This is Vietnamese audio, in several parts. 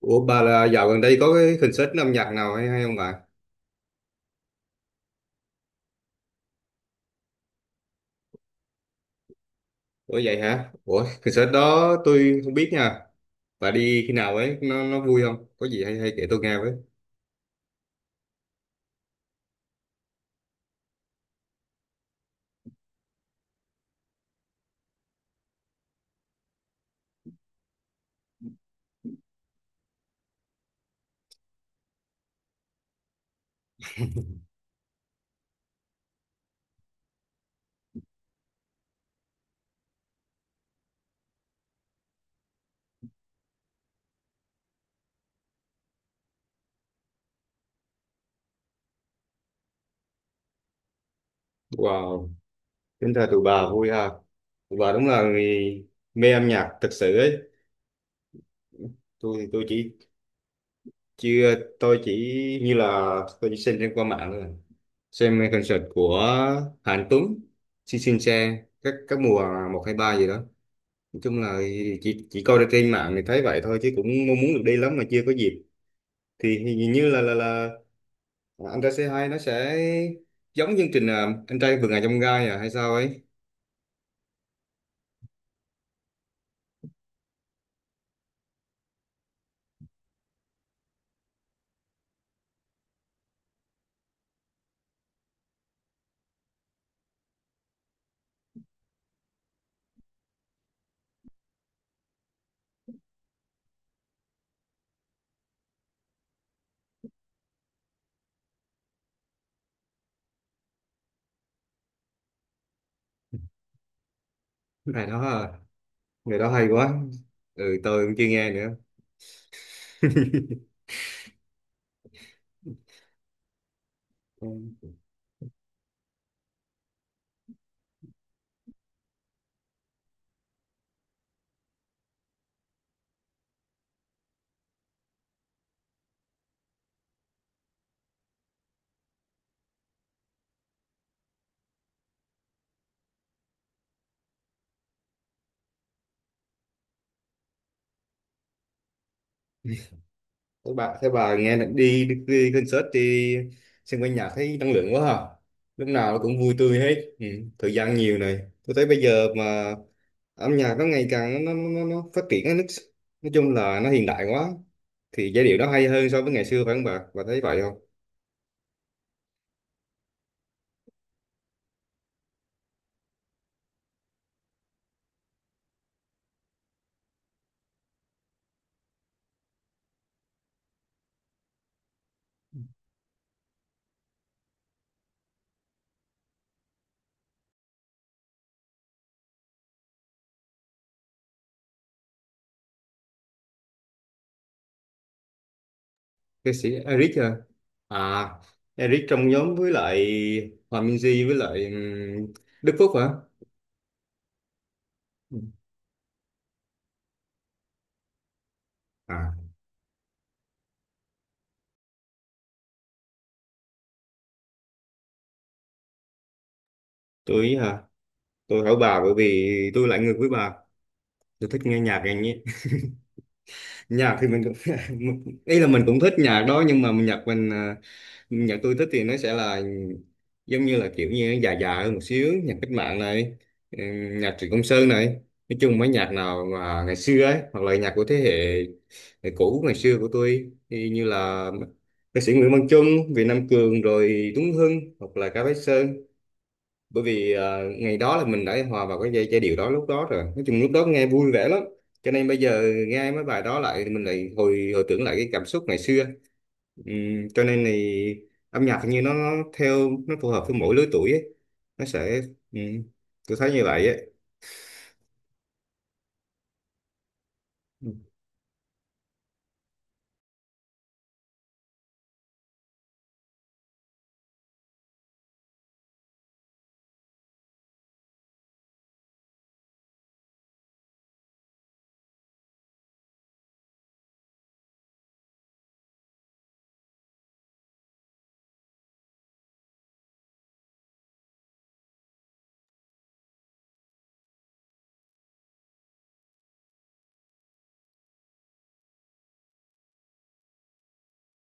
Ủa bà là dạo gần đây có cái concert âm nhạc nào hay hay không bà? Ủa vậy hả? Ủa concert đó tôi không biết nha. Bà đi khi nào ấy? Nó vui không? Có gì hay hay kể tôi nghe với. Wow, tính ra tụi bà vui ha. Tụi bà đúng là người mê âm nhạc thật sự ấy. Tôi thì tôi chỉ chưa tôi chỉ như là Tôi chỉ xem trên qua mạng thôi. Xem concert của Hàn Tuấn, Xin Xin Xe, các mùa một 2 3 gì đó. Nói chung là chỉ coi ra trên mạng thì thấy vậy thôi, chứ cũng mong muốn được đi lắm mà chưa có dịp. Thì hình như là anh trai C2 nó sẽ giống chương trình, anh trai vượt ngàn chông gai à hay sao ấy. Này đó à, người đó hay quá. Ừ, tôi cũng chưa nghe nữa. Thế bà nghe là đi concert, đi xem quanh nhạc thấy năng lượng quá ha. Lúc nào cũng vui tươi hết. Ừ, thời gian nhiều này. Tôi thấy bây giờ mà âm nhạc nó ngày càng nó nó phát triển á, nó, nói chung là nó hiện đại quá. Thì giai điệu nó hay hơn so với ngày xưa phải không bà? Bà thấy vậy không? Ca sĩ Eric à? À, Eric trong nhóm với lại Hòa Minzy với lại Đức Phúc hả? Ừ. À, tôi ý hả? Tôi hỏi bà bởi vì tôi lại ngược với bà. Tôi thích nghe nhạc này nhé, nhạc thì mình cũng ý là mình cũng thích nhạc đó, nhưng mà nhạc mình nhạc tôi thích thì nó sẽ là giống như là kiểu như nó già già hơn một xíu, nhạc cách mạng này, ừ, nhạc Trịnh Công Sơn này, nói chung mấy nhạc nào mà ngày xưa ấy, hoặc là nhạc của thế hệ hệ cũ ngày xưa của tôi thì như là ca sĩ Nguyễn Văn Chung, Việt Nam Cường, rồi Tuấn Hưng, hoặc là Cá Bách Sơn. Bởi vì ngày đó là mình đã hòa vào cái giai giai điệu đó lúc đó rồi, nói chung lúc đó nghe vui vẻ lắm, cho nên bây giờ nghe mấy bài đó lại mình lại hồi hồi tưởng lại cái cảm xúc ngày xưa. Cho nên thì âm nhạc hình như nó theo nó phù hợp với mỗi lứa tuổi ấy. Nó sẽ ừm, tôi thấy như vậy ấy.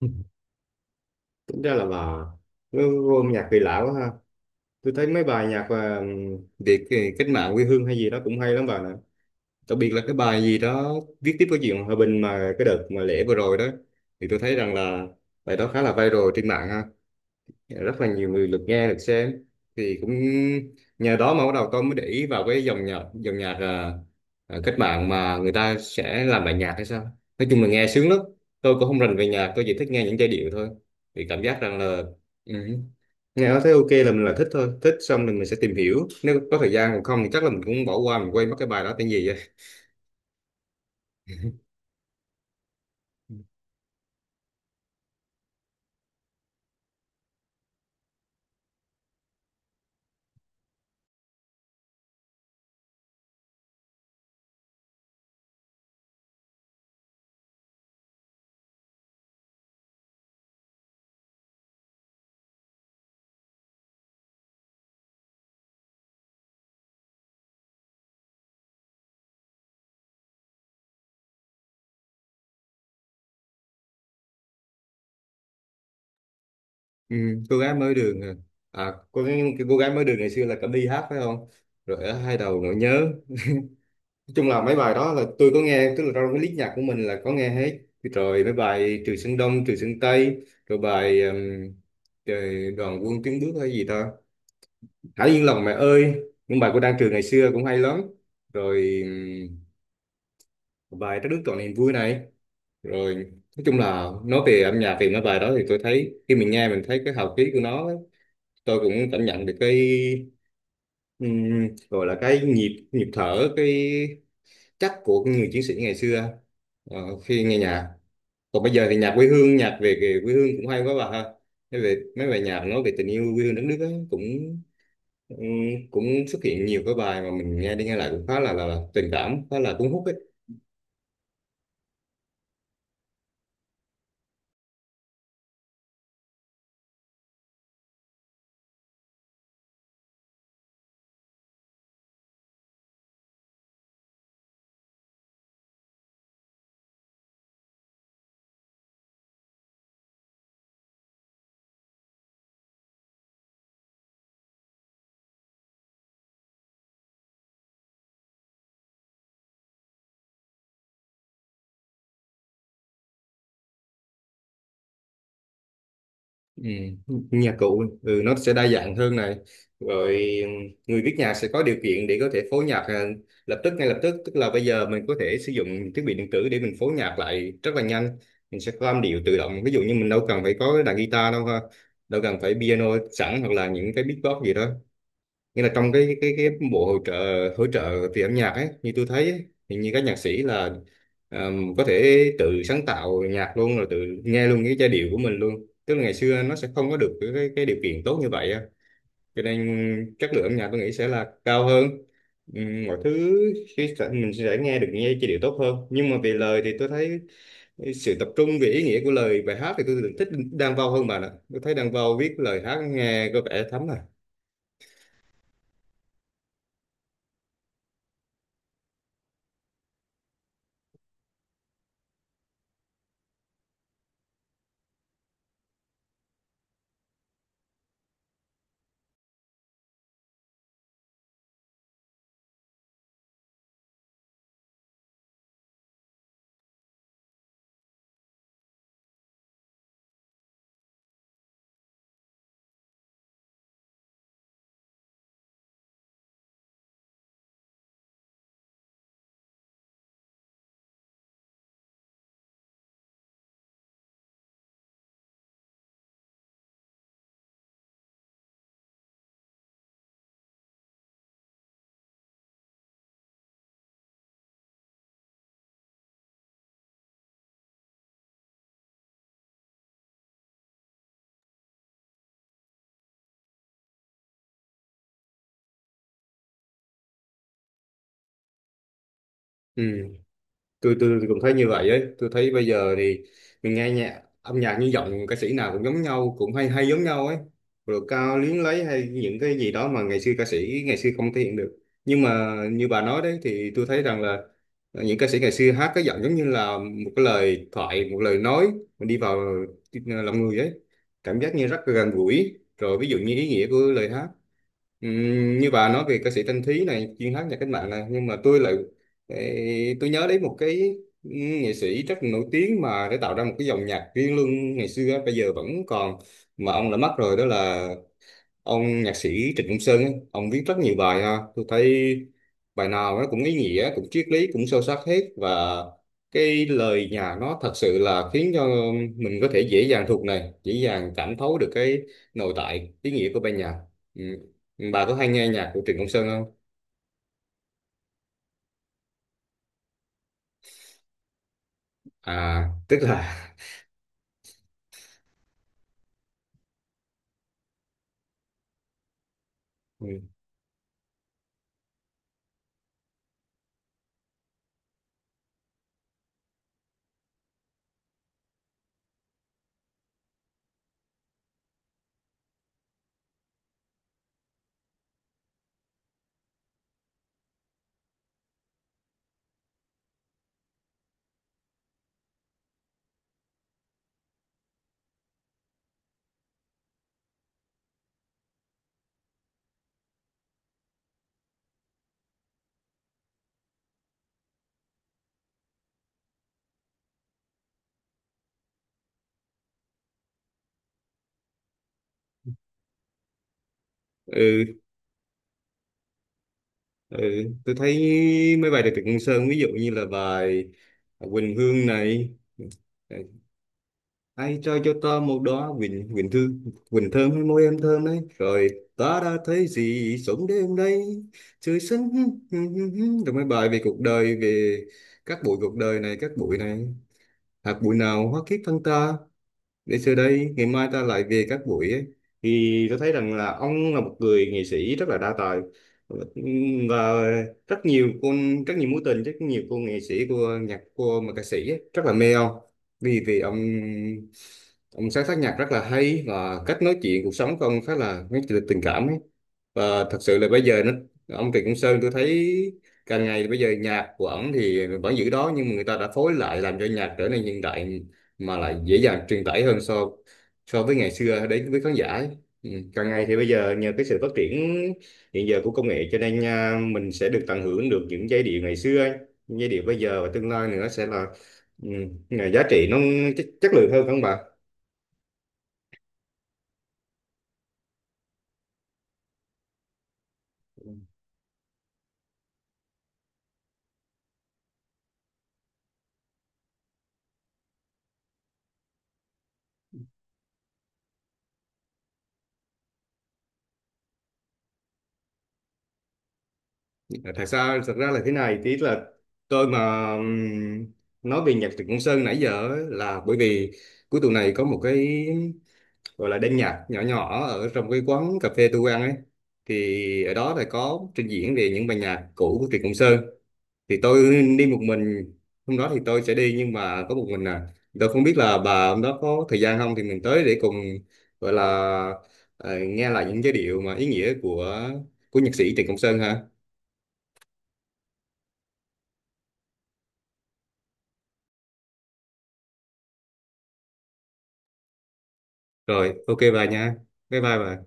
Ừ, tính ra là bà nó vô âm nhạc kỳ lạ quá ha. Tôi thấy mấy bài nhạc Việt cách mạng quê hương hay gì đó cũng hay lắm bà nè. Đặc biệt là cái bài gì đó viết tiếp cái chuyện hòa bình mà cái đợt mà lễ vừa rồi đó, thì tôi thấy rằng là bài đó khá là viral trên mạng ha. Dạ, rất là nhiều người lượt nghe lượt xem, thì cũng nhờ đó mà bắt đầu tôi mới để ý vào cái dòng nhạc cách mạng mà người ta sẽ làm bài nhạc hay sao. Nói chung là nghe sướng lắm, tôi cũng không rành về nhạc, tôi chỉ thích nghe những giai điệu thôi, thì cảm giác rằng là ừ, nghe nó thấy ok là mình là thích thôi, thích xong rồi mình sẽ tìm hiểu nếu có thời gian, còn không thì chắc là mình cũng bỏ qua, mình quên mất cái bài đó tên gì á. Ừ, cô gái mới đường cô, cái cô gái mới đường ngày xưa là Cẩm Ly hát phải không, rồi ở hai đầu nỗi nhớ. Nói chung là mấy bài đó là tôi có nghe, tức là trong cái list nhạc của mình là có nghe hết rồi, mấy bài Trường Sơn Đông Trường Sơn Tây, rồi bài trời, Đoàn Quân Tiến Bước hay gì ta, Hãy Yên Lòng Mẹ ơi, những bài của Đan Trường ngày xưa cũng hay lắm, rồi bài Trái Đất Trọn Niềm Vui này, rồi nói chung là nói về âm nhạc thì mấy bài đó thì tôi thấy khi mình nghe mình thấy cái hào khí của nó ấy, tôi cũng cảm nhận được cái ừ, gọi là cái nhịp nhịp thở, cái chắc của người chiến sĩ ngày xưa khi nghe nhạc. Còn bây giờ thì nhạc quê hương, nhạc về về quê hương cũng hay quá bà ha. Nói về mấy bài nhạc nói về tình yêu quê hương đất nước ấy, cũng ừ, cũng xuất hiện nhiều cái bài mà mình nghe đi nghe lại cũng khá là là tình cảm, khá là cuốn hút ấy. Ừ, nhạc cụ ừ, nó sẽ đa dạng hơn này, rồi người viết nhạc sẽ có điều kiện để có thể phối nhạc lập tức, ngay lập tức, tức là bây giờ mình có thể sử dụng thiết bị điện tử để mình phối nhạc lại rất là nhanh, mình sẽ có âm điệu tự động, ví dụ như mình đâu cần phải có cái đàn guitar đâu ha, đâu cần phải piano sẵn, hoặc là những cái beatbox gì đó, nghĩa là trong cái cái bộ hỗ trợ, hỗ trợ từ âm nhạc ấy, như tôi thấy ấy, thì như các nhạc sĩ là có thể tự sáng tạo nhạc luôn, rồi tự nghe luôn cái giai điệu của mình luôn, tức là ngày xưa nó sẽ không có được cái cái điều kiện tốt như vậy á, cho nên chất lượng âm nhạc tôi nghĩ sẽ là cao hơn. Mọi thứ khi sẽ- mình sẽ nghe giai điệu tốt hơn, nhưng mà về lời thì tôi thấy sự tập trung về ý nghĩa của lời bài hát thì tôi thích Đan Vâu hơn bạn ạ, tôi thấy Đan Vâu viết lời hát nghe có vẻ thấm à. Ừ. tôi cũng thấy như vậy ấy, tôi thấy bây giờ thì mình nghe nhạc, âm nhạc như giọng ca sĩ nào cũng giống nhau, cũng hay hay giống nhau ấy, rồi cao luyến lấy hay những cái gì đó mà ngày xưa ca sĩ ngày xưa không thể hiện được. Nhưng mà như bà nói đấy thì tôi thấy rằng là những ca sĩ ngày xưa hát cái giọng giống như là một cái lời thoại, một lời nói, mình đi vào lòng người ấy, cảm giác như rất là gần gũi, rồi ví dụ như ý nghĩa của lời hát. Như bà nói về ca sĩ Thanh Thúy này, chuyên hát nhạc cách mạng này, nhưng mà tôi lại ê, tôi nhớ đến một cái ừm, nghệ sĩ rất là nổi tiếng mà để tạo ra một cái dòng nhạc riêng luôn ngày xưa á, bây giờ vẫn còn mà ông đã mất rồi, đó là ông nhạc sĩ Trịnh Công Sơn ấy. Ông viết rất nhiều bài ha, tôi thấy bài nào nó cũng ý nghĩa, cũng triết lý, cũng sâu sắc hết, và cái lời nhà nó thật sự là khiến cho mình có thể dễ dàng thuộc này, dễ dàng cảm thấu được cái nội tại ý nghĩa của bài nhạc. Ừ, bà có hay nghe nhạc của Trịnh Công Sơn không? À tức là ừ, ừ, ừ. Tôi thấy mấy bài của Trịnh Công Sơn ví dụ như là bài Quỳnh Hương này, ừ, ai cho tớ một đó, Quỳnh Quỳnh Thư, Quỳnh thơm hay môi em thơm đấy, rồi ta đã thấy gì sống đêm đây trời xanh. rồi mấy bài về cuộc đời, về các bụi này, hạt bụi nào hóa kiếp thân ta, để xưa đây ngày mai ta lại về các buổi ấy, thì tôi thấy rằng là ông là một người nghệ sĩ rất là đa tài, và rất nhiều con, rất nhiều mối tình, rất nhiều cô nghệ sĩ, cô nhạc, cô mà ca sĩ ấy, rất là mê ông. Vì Vì ông sáng tác nhạc rất là hay, và cách nói chuyện cuộc sống của ông khá là mấy tình tình cảm ấy. Và thật sự là bây giờ nó, ông Trịnh Công Sơn, tôi thấy càng ngày bây giờ nhạc của ổng thì vẫn giữ đó, nhưng mà người ta đã phối lại làm cho nhạc trở nên hiện đại, mà lại dễ dàng truyền tải hơn so so với ngày xưa, đến với khán giả ấy. Ừ, càng ngày thì bây giờ nhờ cái sự phát triển hiện giờ của công nghệ, cho nên à, mình sẽ được tận hưởng được những giai điệu ngày xưa ấy. Những giai điệu bây giờ và tương lai nữa sẽ là ừ, là giá trị, nó chất lượng hơn không bà? Thật ra là thế này tí là tôi mà nói về nhạc Trịnh Công Sơn nãy giờ ấy là bởi vì cuối tuần này có một cái gọi là đêm nhạc nhỏ nhỏ ở trong cái quán cà phê tôi ăn ấy, thì ở đó là có trình diễn về những bài nhạc cũ của Trịnh Công Sơn. Thì tôi đi một mình hôm đó, thì tôi sẽ đi nhưng mà có một mình à, tôi không biết là bà hôm đó có thời gian không thì mình tới để cùng gọi là nghe lại những giai điệu mà ý nghĩa của nhạc sĩ Trịnh Công Sơn ha. Rồi ok bà nha, bye bye bà.